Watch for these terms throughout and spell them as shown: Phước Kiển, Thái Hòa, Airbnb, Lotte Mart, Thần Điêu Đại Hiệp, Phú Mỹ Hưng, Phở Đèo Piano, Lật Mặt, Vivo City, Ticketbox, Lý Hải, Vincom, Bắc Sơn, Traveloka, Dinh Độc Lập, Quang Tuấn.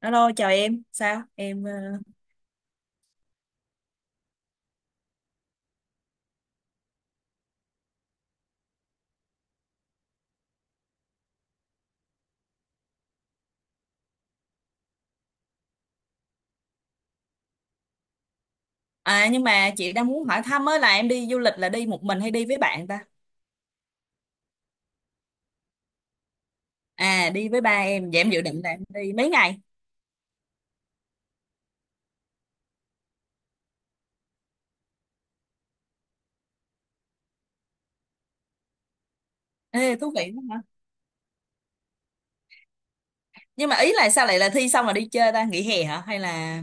Alo, chào em, sao em à, nhưng mà chị đang muốn hỏi thăm á, là em đi du lịch là đi một mình hay đi với bạn ta? À, đi với ba em, vậy em dự định là em đi mấy ngày? Ê, thú vị quá hả, nhưng mà ý là sao lại là thi xong rồi đi chơi ta, nghỉ hè hả hay là...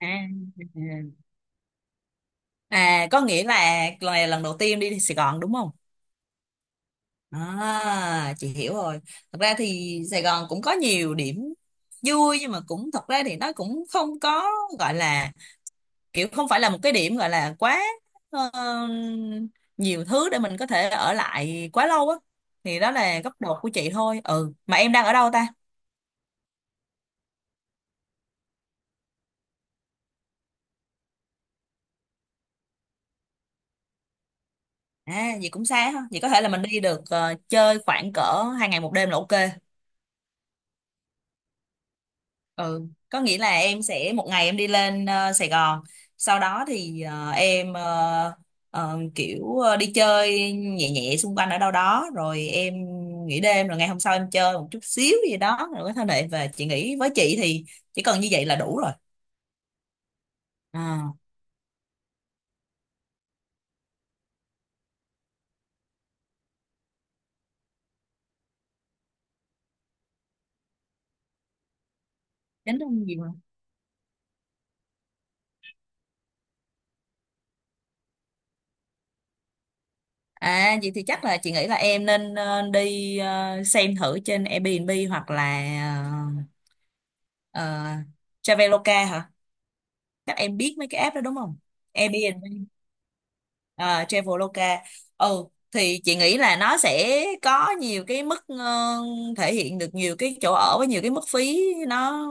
à, à, có nghĩa là lần này là lần đầu tiên đi Sài Gòn đúng không? À, chị hiểu rồi. Thật ra thì Sài Gòn cũng có nhiều điểm vui, nhưng mà cũng thật ra thì nó cũng không có, gọi là, kiểu không phải là một cái điểm gọi là quá ờ, nhiều thứ để mình có thể ở lại quá lâu á. Thì đó là góc độ của chị thôi. Ừ, mà em đang ở đâu ta? À, vậy cũng xa ha, vậy có thể là mình đi được chơi khoảng cỡ 2 ngày 1 đêm là ok. Ừ, có nghĩa là em sẽ một ngày em đi lên Sài Gòn, sau đó thì em kiểu đi chơi nhẹ nhẹ xung quanh ở đâu đó, rồi em nghỉ đêm, rồi ngày hôm sau em chơi một chút xíu gì đó rồi có thể lại về. Chị nghĩ với chị thì chỉ cần như vậy là đủ rồi. À, tính không gì mà. À, vậy thì chắc là chị nghĩ là em nên đi xem thử trên Airbnb hoặc là ờ, ờ, Traveloka hả? Chắc em biết mấy cái app đó đúng không? Airbnb, à Traveloka. Ừ, thì chị nghĩ là nó sẽ có nhiều cái mức thể hiện được nhiều cái chỗ ở với nhiều cái mức phí, nó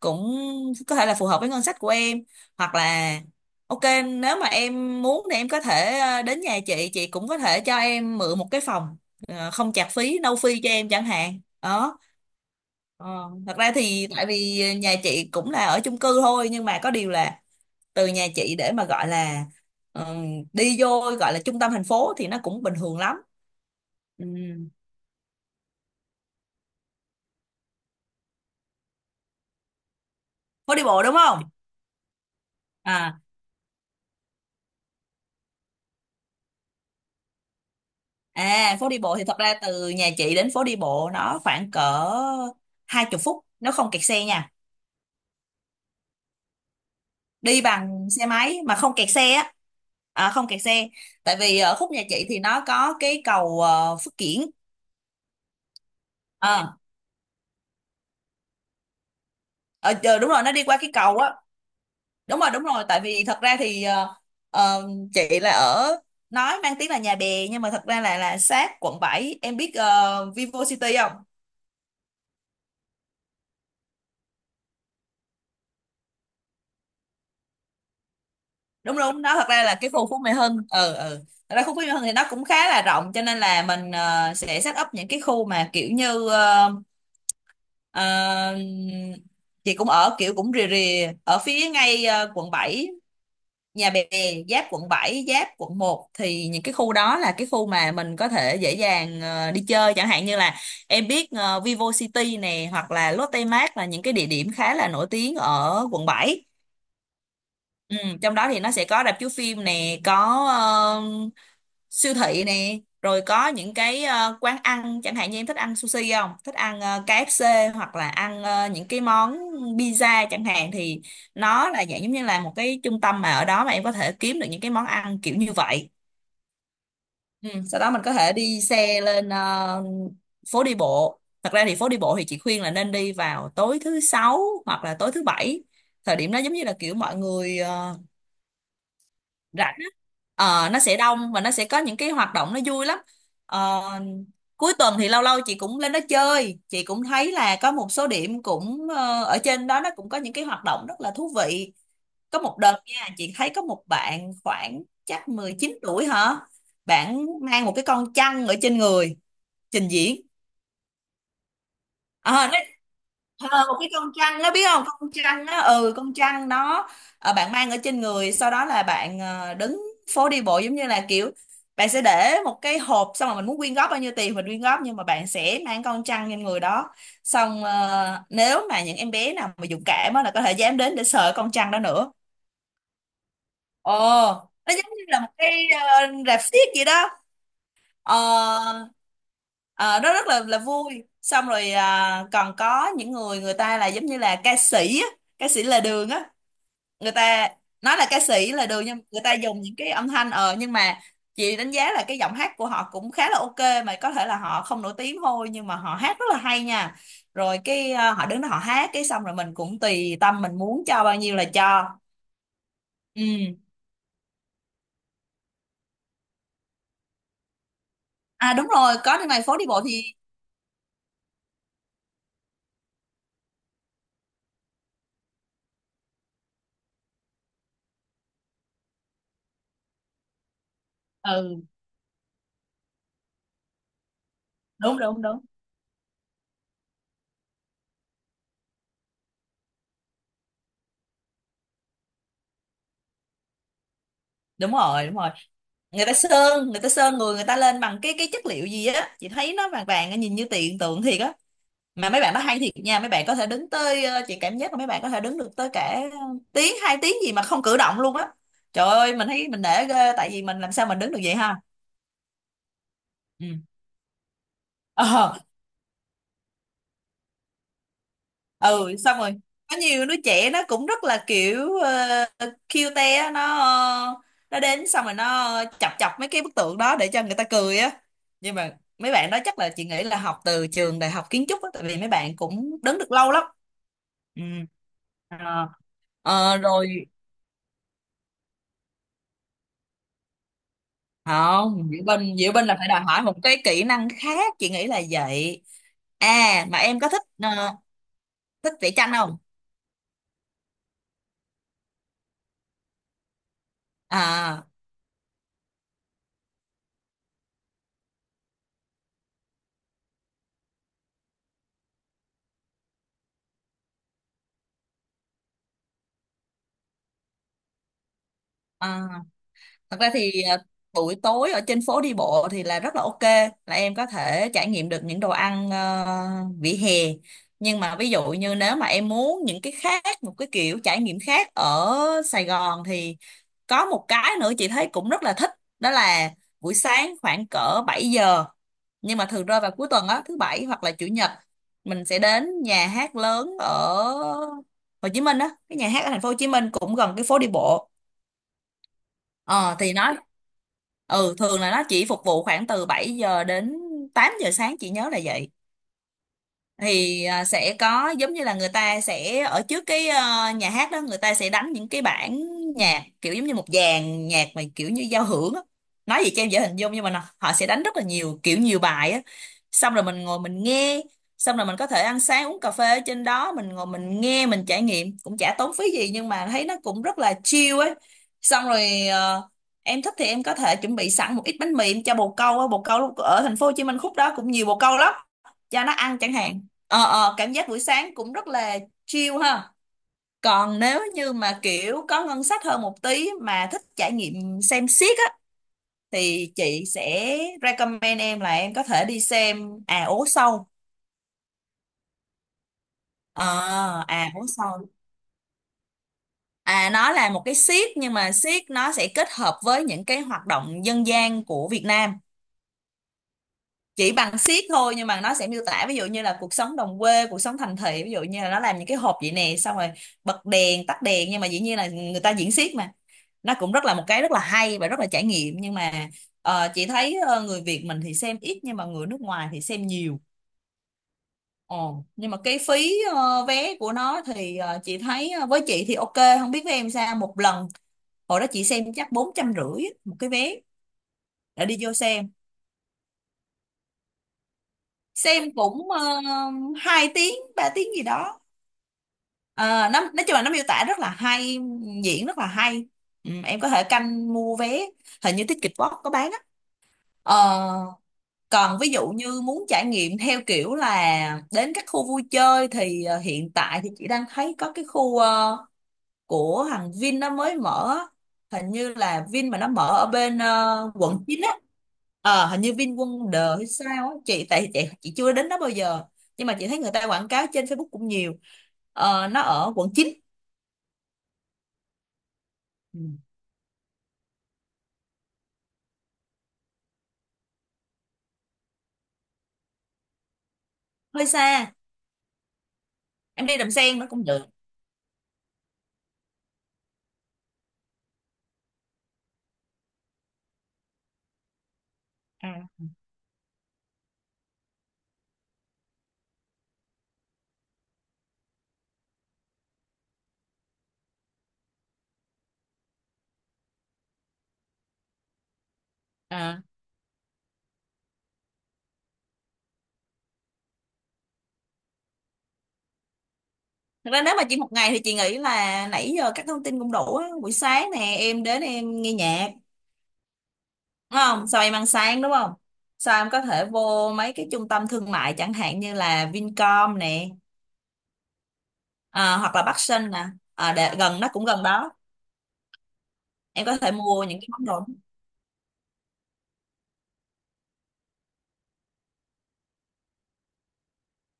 cũng có thể là phù hợp với ngân sách của em, hoặc là ok, nếu mà em muốn thì em có thể đến nhà chị cũng có thể cho em mượn một cái phòng không chạc phí, no fee cho em chẳng hạn đó. Ờ, thật ra thì tại vì nhà chị cũng là ở chung cư thôi, nhưng mà có điều là từ nhà chị để mà gọi là ừm, đi vô gọi là trung tâm thành phố thì nó cũng bình thường lắm. Ừm, phố đi bộ đúng không? À, à phố đi bộ thì thật ra từ nhà chị đến phố đi bộ nó khoảng cỡ hai chục phút, nó không kẹt xe nha. Đi bằng xe máy mà không kẹt xe á. À, không kẹt xe. Tại vì ở khúc nhà chị thì nó có cái cầu Phước Kiển. Ờ, ờ, đúng rồi, nó đi qua cái cầu á. Đúng rồi, đúng rồi, tại vì thật ra thì ờ, chị là ở, nói mang tiếng là Nhà Bè nhưng mà thật ra là sát quận bảy. Em biết Vivo City không? Đúng, đúng, nó thật ra là cái khu Phú Mỹ Hưng. Ừ, ừ, thật ra khu Phú Mỹ Hưng thì nó cũng khá là rộng, cho nên là mình sẽ set up những cái khu mà kiểu như ờ, chị cũng ở kiểu cũng rìa rìa ở phía ngay quận 7, Nhà Bè, giáp quận 7, giáp quận 1. Thì những cái khu đó là cái khu mà mình có thể dễ dàng đi chơi, chẳng hạn như là em biết Vivo City nè hoặc là Lotte Mart, là những cái địa điểm khá là nổi tiếng ở quận 7. Ừ, trong đó thì nó sẽ có rạp chiếu phim nè, có siêu thị nè, rồi có những cái quán ăn, chẳng hạn như em thích ăn sushi không, thích ăn KFC hoặc là ăn những cái món pizza chẳng hạn, thì nó là dạng giống như là một cái trung tâm mà ở đó mà em có thể kiếm được những cái món ăn kiểu như vậy. Ừ, sau đó mình có thể đi xe lên phố đi bộ. Thật ra thì phố đi bộ thì chị khuyên là nên đi vào tối thứ sáu hoặc là tối thứ bảy. Thời điểm đó giống như là kiểu mọi người rảnh á, nó sẽ đông và nó sẽ có những cái hoạt động nó vui lắm. Ờ, cuối tuần thì lâu lâu chị cũng lên đó chơi, chị cũng thấy là có một số điểm cũng ở trên đó nó cũng có những cái hoạt động rất là thú vị. Có một đợt nha, chị thấy có một bạn khoảng chắc 19 tuổi hả, bạn mang một cái con chăn ở trên người trình diễn. Ờ, Ờ, một cái con trăn đó biết không, con trăn đó, ừ, con trăn đó bạn mang ở trên người, sau đó là bạn đứng phố đi bộ giống như là kiểu bạn sẽ để một cái hộp, xong rồi mình muốn quyên góp bao nhiêu tiền mình quyên góp, nhưng mà bạn sẽ mang con trăn trên người đó. Xong nếu mà những em bé nào mà dũng cảm á là có thể dám đến để sờ con trăn đó nữa. Ồ, nó giống như là một cái rạp xiếc vậy đó. Ờ, ờ, nó rất là vui. Xong rồi à, còn có những người, người ta là giống như là ca sĩ á, ca sĩ là đường á, người ta nói là ca sĩ là đường nhưng người ta dùng những cái âm thanh nhưng mà chị đánh giá là cái giọng hát của họ cũng khá là ok, mà có thể là họ không nổi tiếng thôi nhưng mà họ hát rất là hay nha. Rồi cái à, họ đứng đó họ hát cái xong rồi mình cũng tùy tâm mình muốn cho bao nhiêu là cho. Ừ, à đúng rồi, có nơi này phố đi bộ thì... Ừ, đúng, đúng, đúng. Đúng rồi, đúng rồi, người ta sơn, người ta sơn, người người ta lên bằng cái chất liệu gì á, chị thấy nó vàng vàng nhìn như tiền tượng thiệt á. Mà mấy bạn nó hay thiệt nha, mấy bạn có thể đứng tới chị cảm giác là mấy bạn có thể đứng được tới cả tiếng, 2 tiếng gì mà không cử động luôn á. Trời ơi, mình thấy mình nể ghê, tại vì mình làm sao mình đứng được vậy ha. Ừ. Ờ, ừ xong rồi có nhiều đứa trẻ nó cũng rất là kiểu cute á, nó nó đến xong rồi nó chọc chọc mấy cái bức tượng đó để cho người ta cười á. Nhưng mà mấy bạn đó chắc là chị nghĩ là học từ trường đại học kiến trúc á, tại vì mấy bạn cũng đứng được lâu lắm. Ừ. Ờ, rồi không, Diệu Bình, Diệu Bình là phải đòi hỏi một cái kỹ năng khác chị nghĩ là vậy. À, mà em có thích vẽ tranh không? À, à thật ra thì à, buổi tối ở trên phố đi bộ thì là rất là ok, là em có thể trải nghiệm được những đồ ăn vỉa hè. Nhưng mà ví dụ như nếu mà em muốn những cái khác, một cái kiểu trải nghiệm khác ở Sài Gòn thì có một cái nữa chị thấy cũng rất là thích, đó là buổi sáng khoảng cỡ 7 giờ. Nhưng mà thường rơi vào cuối tuần á, thứ bảy hoặc là chủ nhật, mình sẽ đến nhà hát lớn ở Hồ Chí Minh á, cái nhà hát ở thành phố Hồ Chí Minh cũng gần cái phố đi bộ. Ờ thì nó ừ thường là nó chỉ phục vụ khoảng từ 7 giờ đến 8 giờ sáng, chị nhớ là vậy. Thì sẽ có giống như là người ta sẽ ở trước cái nhà hát đó, người ta sẽ đánh những cái bản nhạc kiểu giống như một dàn nhạc mà kiểu như giao hưởng á, nói gì cho em dễ hình dung. Nhưng mà họ sẽ đánh rất là nhiều kiểu, nhiều bài á, xong rồi mình ngồi mình nghe, xong rồi mình có thể ăn sáng uống cà phê ở trên đó, mình ngồi mình nghe mình trải nghiệm, cũng chả tốn phí gì nhưng mà thấy nó cũng rất là chill ấy. Xong rồi em thích thì em có thể chuẩn bị sẵn một ít bánh mì em cho bồ câu á, bồ câu ở thành phố Hồ Chí Minh khúc đó cũng nhiều bồ câu lắm, cho nó ăn chẳng hạn. Ờ, cảm giác buổi sáng cũng rất là chill ha. Còn nếu như mà kiểu có ngân sách hơn một tí mà thích trải nghiệm xem xiếc á, thì chị sẽ recommend em là em có thể đi xem à ố sâu. Ờ à ố sâu à, nó là một cái xiếc, nhưng mà xiếc nó sẽ kết hợp với những cái hoạt động dân gian của Việt Nam, chỉ bằng siết thôi, nhưng mà nó sẽ miêu tả ví dụ như là cuộc sống đồng quê, cuộc sống thành thị. Ví dụ như là nó làm những cái hộp vậy nè, xong rồi bật đèn tắt đèn, nhưng mà dĩ nhiên là người ta diễn xiếc mà. Nó cũng rất là một cái rất là hay và rất là trải nghiệm. Nhưng mà chị thấy người Việt mình thì xem ít, nhưng mà người nước ngoài thì xem nhiều. Ồ, nhưng mà cái phí vé của nó thì chị thấy, với chị thì ok, không biết với em sao. Một lần hồi đó chị xem chắc 450 một cái vé để đi vô xem. Xem cũng 2 tiếng 3 tiếng gì đó. Ờ, nó nói chung là nó miêu tả rất là hay, diễn rất là hay. Ừ, em có thể canh mua vé, hình như Ticketbox có bán á. Ờ, còn ví dụ như muốn trải nghiệm theo kiểu là đến các khu vui chơi thì hiện tại thì chị đang thấy có cái khu của thằng Vin nó mới mở á. Hình như là Vin mà nó mở ở bên quận 9 á. Ờ, hình như Vin Quân Đờ hay sao á, chị tại chị chưa đến đó bao giờ, nhưng mà chị thấy người ta quảng cáo trên Facebook cũng nhiều. Ờ, nó ở quận 9. Ừ. Hơi xa, em đi đầm sen nó cũng được. à, à. Thật ra nếu mà chỉ một ngày thì chị nghĩ là nãy giờ các thông tin cũng đủ á. Buổi sáng nè em đến em nghe nhạc đúng không, sau em ăn sáng đúng không, sau em có thể vô mấy cái trung tâm thương mại chẳng hạn như là Vincom nè, hoặc là Bắc Sơn nè, gần, nó cũng gần đó, em có thể mua những cái món đồ.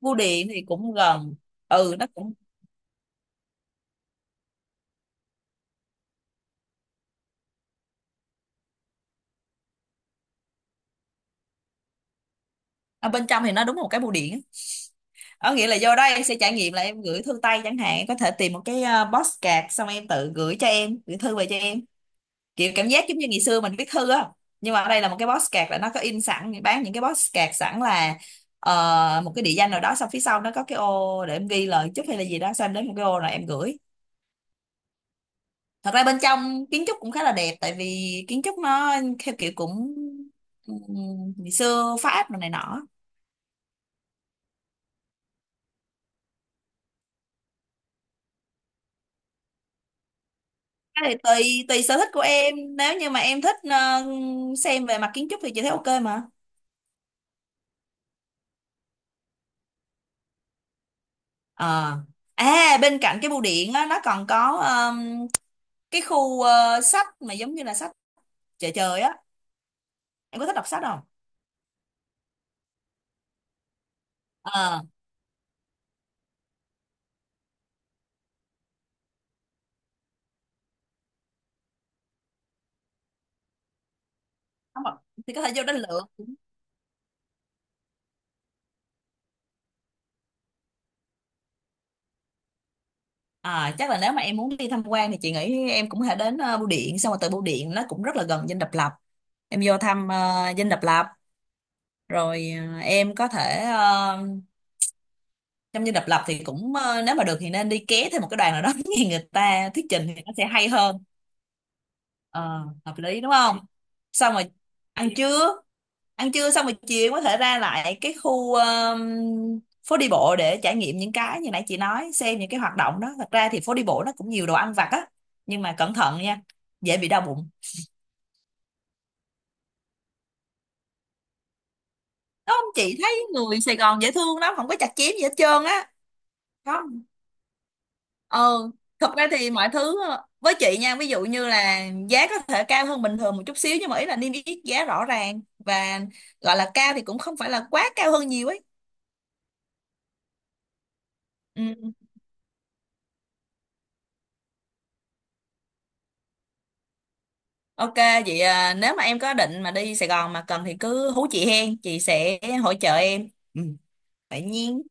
Bưu điện thì cũng gần, ừ nó cũng ở bên trong thì nó đúng một cái bưu điện á. Có nghĩa là vô đó em sẽ trải nghiệm là em gửi thư tay chẳng hạn, có thể tìm một cái box card xong em tự gửi cho em, gửi thư về cho em. Kiểu cảm giác giống như ngày xưa mình viết thư á. Nhưng mà ở đây là một cái box card là nó có in sẵn, bán những cái box card sẵn là một cái địa danh nào đó, xong phía sau nó có cái ô để em ghi lời chúc hay là gì đó, xong em đến một cái ô rồi em gửi. Thật ra bên trong kiến trúc cũng khá là đẹp, tại vì kiến trúc nó theo kiểu cũng ngày xưa Pháp rồi này nọ. Cái này tùy tùy sở thích của em. Nếu như mà em thích xem về mặt kiến trúc thì chị thấy ok mà. Ờ. À, bên cạnh cái bưu điện á, nó còn có cái khu sách mà giống như là sách chợ trời á, em có thích đọc sách không? ờ Không ạ. Thì có thể vô đó lựa. À, chắc là nếu mà em muốn đi tham quan thì chị nghĩ em cũng có thể đến bưu điện, xong rồi từ bưu điện nó cũng rất là gần Dinh Độc Lập, em vô thăm Dinh Độc Lập, rồi em có thể, trong như độc lập thì cũng nếu mà được thì nên đi ké thêm một cái đoàn nào đó nghe người ta thuyết trình thì nó sẽ hay hơn. Ờ, hợp lý đúng không. Xong rồi ăn trưa, ăn trưa xong rồi chiều có thể ra lại cái khu phố đi bộ để trải nghiệm những cái như nãy chị nói, xem những cái hoạt động đó. Thật ra thì phố đi bộ nó cũng nhiều đồ ăn vặt á, nhưng mà cẩn thận nha, dễ bị đau bụng. Đúng không, chị thấy người Sài Gòn dễ thương lắm, không có chặt chém gì hết trơn á. Không. Ờ, thật ra thì mọi thứ với chị nha, ví dụ như là giá có thể cao hơn bình thường một chút xíu, nhưng mà ý là niêm yết giá rõ ràng, và gọi là cao thì cũng không phải là quá cao hơn nhiều ấy. Ừ. Ok, vậy à, nếu mà em có định mà đi Sài Gòn mà cần thì cứ hú chị hen, chị sẽ hỗ trợ em. Ừ, tự nhiên.